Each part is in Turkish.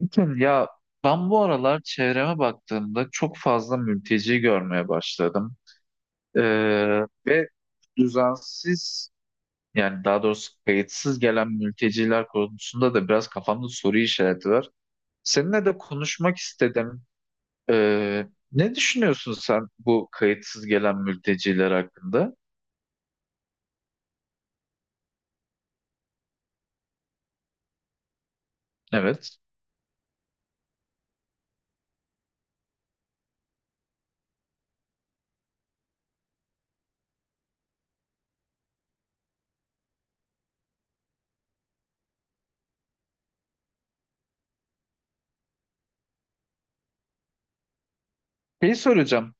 Bakın Ya, ben bu aralar çevreme baktığımda çok fazla mülteci görmeye başladım. Ee, Ve düzensiz, yani daha doğrusu, kayıtsız gelen mülteciler konusunda da biraz kafamda soru işareti var. Seninle de konuşmak istedim. Ee, Ne düşünüyorsun sen bu kayıtsız gelen mülteciler hakkında? Evet. Şeyi soracağım.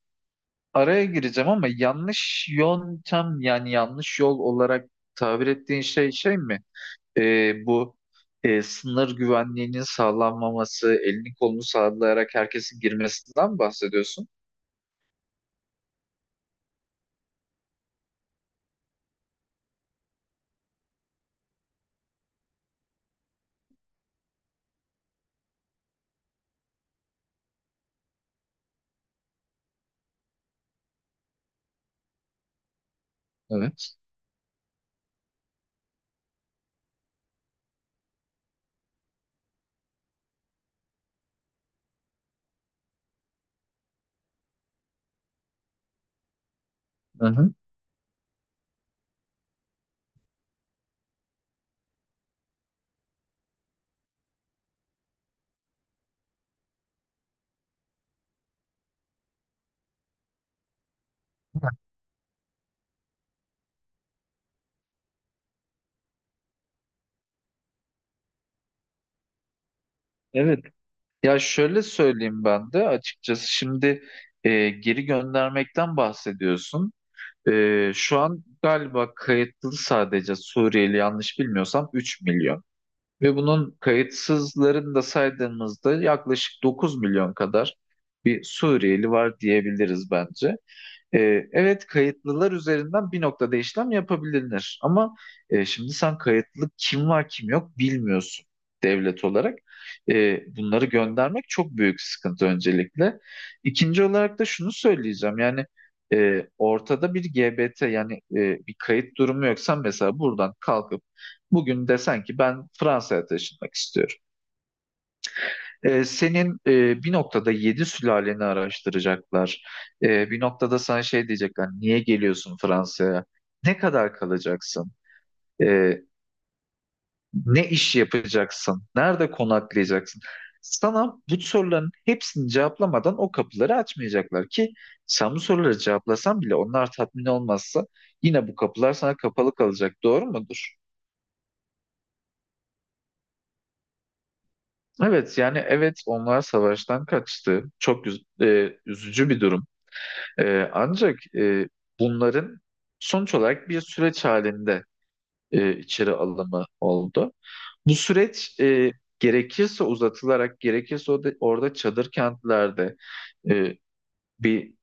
Araya gireceğim ama yanlış yöntem, yani yanlış yol olarak tabir ettiğin şey şey mi? Bu, sınır güvenliğinin sağlanmaması, elini kolunu sallayarak herkesin girmesinden bahsediyorsun? Evet. Hı hı. Evet. Ya, şöyle söyleyeyim, ben de açıkçası şimdi geri göndermekten bahsediyorsun. Şu an galiba kayıtlı sadece Suriyeli, yanlış bilmiyorsam 3 milyon. Ve bunun kayıtsızlarını da saydığımızda yaklaşık 9 milyon kadar bir Suriyeli var diyebiliriz bence. Evet, kayıtlılar üzerinden bir noktada işlem yapabilir ama şimdi sen kayıtlı kim var kim yok bilmiyorsun, devlet olarak. Bunları göndermek çok büyük sıkıntı öncelikle. İkinci olarak da şunu söyleyeceğim, yani ortada bir GBT, yani bir kayıt durumu yoksa, mesela buradan kalkıp bugün desen ki ben Fransa'ya taşınmak istiyorum. Senin bir noktada yedi sülaleni araştıracaklar. Bir noktada sana şey diyecekler: niye geliyorsun Fransa'ya? Ne kadar kalacaksın? Ee, Ne iş yapacaksın? Nerede konaklayacaksın? Sana bu soruların hepsini cevaplamadan o kapıları açmayacaklar ki, sen bu soruları cevaplasan bile onlar tatmin olmazsa yine bu kapılar sana kapalı kalacak. Doğru mudur? Evet, yani evet, onlar savaştan kaçtı. Çok üzücü bir durum. Ancak bunların sonuç olarak bir süreç halinde içeri alımı oldu. Bu süreç gerekirse uzatılarak, gerekirse orada çadır kentlerde, e, bir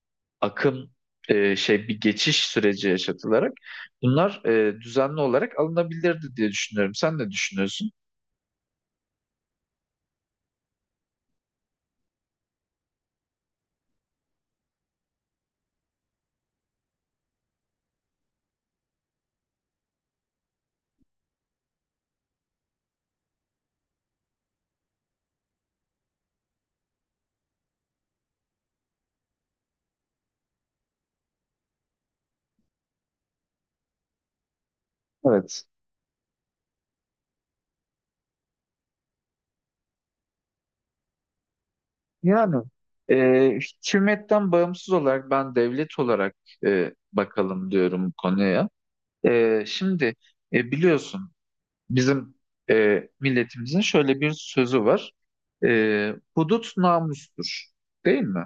akım bir geçiş süreci yaşatılarak bunlar düzenli olarak alınabilirdi diye düşünüyorum. Sen ne düşünüyorsun? Evet. Yani e, hükümetten bağımsız olarak ben devlet olarak bakalım diyorum bu konuya. Şimdi, biliyorsun, bizim milletimizin şöyle bir sözü var. Hudut namustur, değil mi?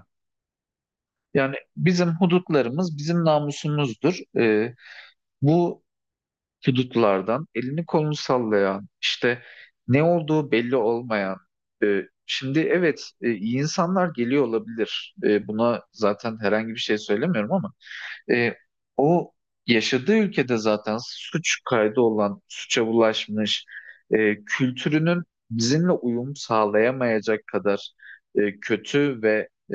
Yani bizim hudutlarımız bizim namusumuzdur. Bu hudutlardan elini kolunu sallayan, işte ne olduğu belli olmayan. Şimdi evet, iyi insanlar geliyor olabilir. Buna zaten herhangi bir şey söylemiyorum ama. E, O yaşadığı ülkede zaten suç kaydı olan, suça bulaşmış, kültürünün bizimle uyum sağlayamayacak kadar kötü ve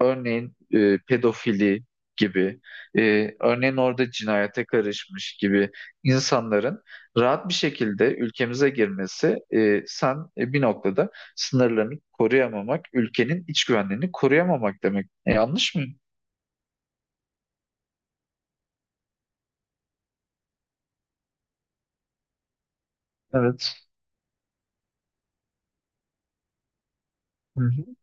örneğin pedofili gibi, örneğin orada cinayete karışmış gibi insanların rahat bir şekilde ülkemize girmesi, sen bir noktada sınırlarını koruyamamak, ülkenin iç güvenliğini koruyamamak demek. Yanlış mıyım? Evet. Hı hı.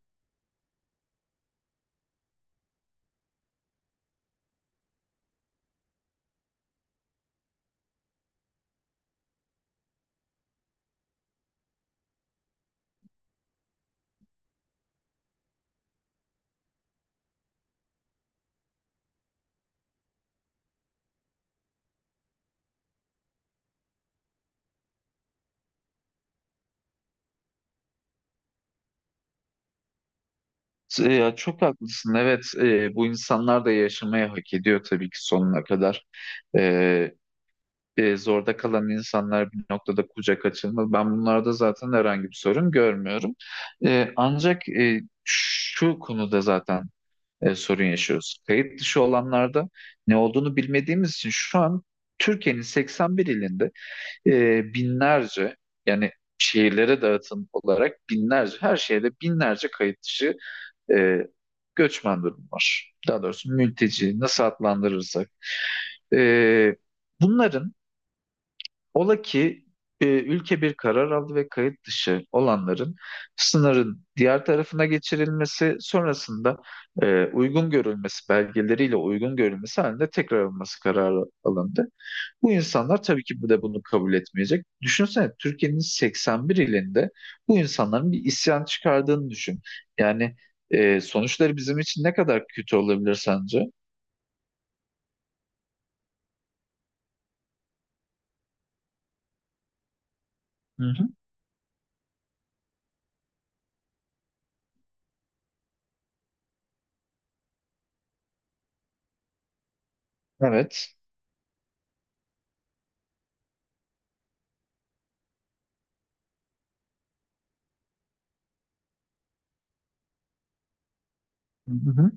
Ya, çok haklısın. Evet, bu insanlar da yaşamaya hak ediyor tabii ki, sonuna kadar. E, Zorda kalan insanlar bir noktada kucak açılmalı. Ben bunlarda zaten herhangi bir sorun görmüyorum. Ancak şu konuda zaten sorun yaşıyoruz. Kayıt dışı olanlarda ne olduğunu bilmediğimiz için şu an Türkiye'nin 81 ilinde binlerce, yani şehirlere dağıtım olarak binlerce, her şehirde binlerce kayıt dışı e, göçmen durum var. Daha doğrusu mülteci, nasıl adlandırırsak. E, Bunların, ola ki ülke bir karar aldı ve kayıt dışı olanların sınırın diğer tarafına geçirilmesi sonrasında uygun görülmesi, belgeleriyle uygun görülmesi halinde tekrar alınması kararı alındı. Bu insanlar tabii ki bu da bunu kabul etmeyecek. Düşünsene, Türkiye'nin 81 ilinde bu insanların bir isyan çıkardığını düşün. Yani sonuçları bizim için ne kadar kötü olabilir sence? Hı hı. Evet. Hı hı.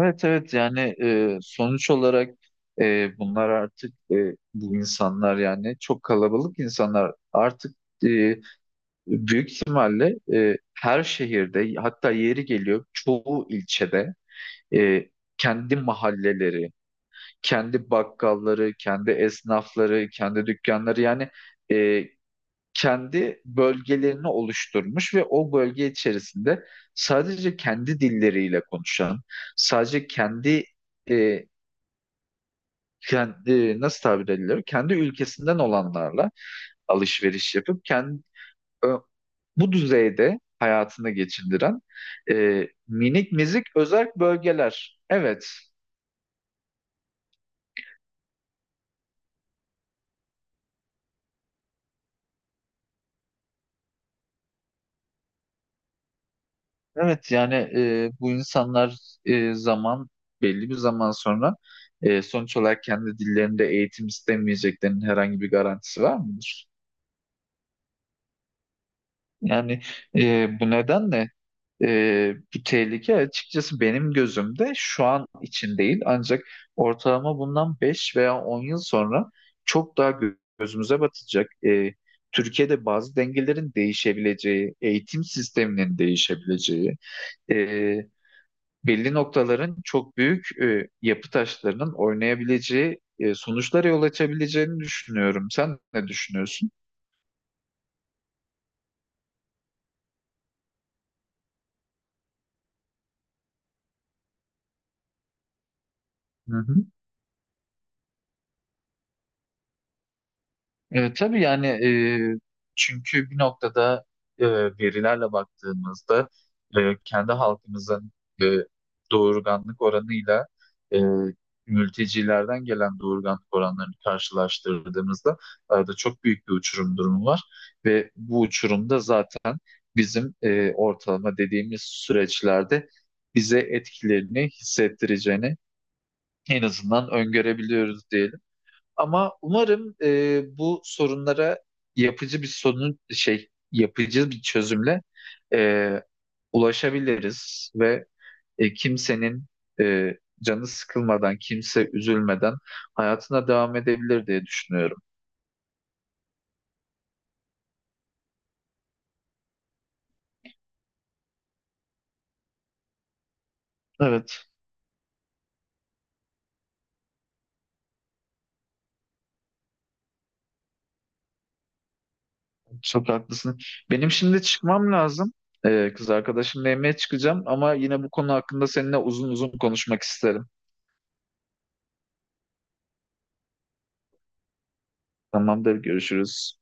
Evet, evet, yani sonuç olarak bunlar artık, bu insanlar, yani çok kalabalık insanlar artık e, büyük ihtimalle her şehirde, hatta yeri geliyor çoğu ilçede e, kendi mahalleleri, kendi bakkalları, kendi esnafları, kendi dükkanları, yani e, kendi bölgelerini oluşturmuş ve o bölge içerisinde sadece kendi dilleriyle konuşan, sadece kendi e, kendi, nasıl tabir edilir, kendi ülkesinden olanlarla alışveriş yapıp kendi bu düzeyde hayatını geçindiren minik mizik özerk bölgeler. Evet. Evet, yani bu insanlar e, zaman belli bir zaman sonra sonuç olarak kendi dillerinde eğitim istemeyeceklerinin herhangi bir garantisi var mıdır? Yani bu nedenle bu tehlike açıkçası benim gözümde şu an için değil, ancak ortalama bundan 5 veya 10 yıl sonra çok daha gözümüze batacak. Türkiye'de bazı dengelerin değişebileceği, eğitim sisteminin değişebileceği, belli noktaların çok büyük yapı taşlarının oynayabileceği, sonuçlara yol açabileceğini düşünüyorum. Sen ne düşünüyorsun? Hı hı. Tabii, yani çünkü bir noktada e, verilerle baktığımızda kendi halkımızın e, doğurganlık oranıyla e, mültecilerden gelen doğurganlık oranlarını karşılaştırdığımızda arada çok büyük bir uçurum durumu var ve bu uçurumda zaten bizim ortalama dediğimiz süreçlerde bize etkilerini hissettireceğini en azından öngörebiliyoruz diyelim. Ama umarım bu sorunlara yapıcı bir çözümle e, ulaşabiliriz ve kimsenin e, canı sıkılmadan, kimse üzülmeden hayatına devam edebilir diye düşünüyorum. Evet, çok haklısın. Benim şimdi çıkmam lazım. Kız arkadaşımla yemeğe çıkacağım ama yine bu konu hakkında seninle uzun uzun konuşmak isterim. Tamamdır, görüşürüz.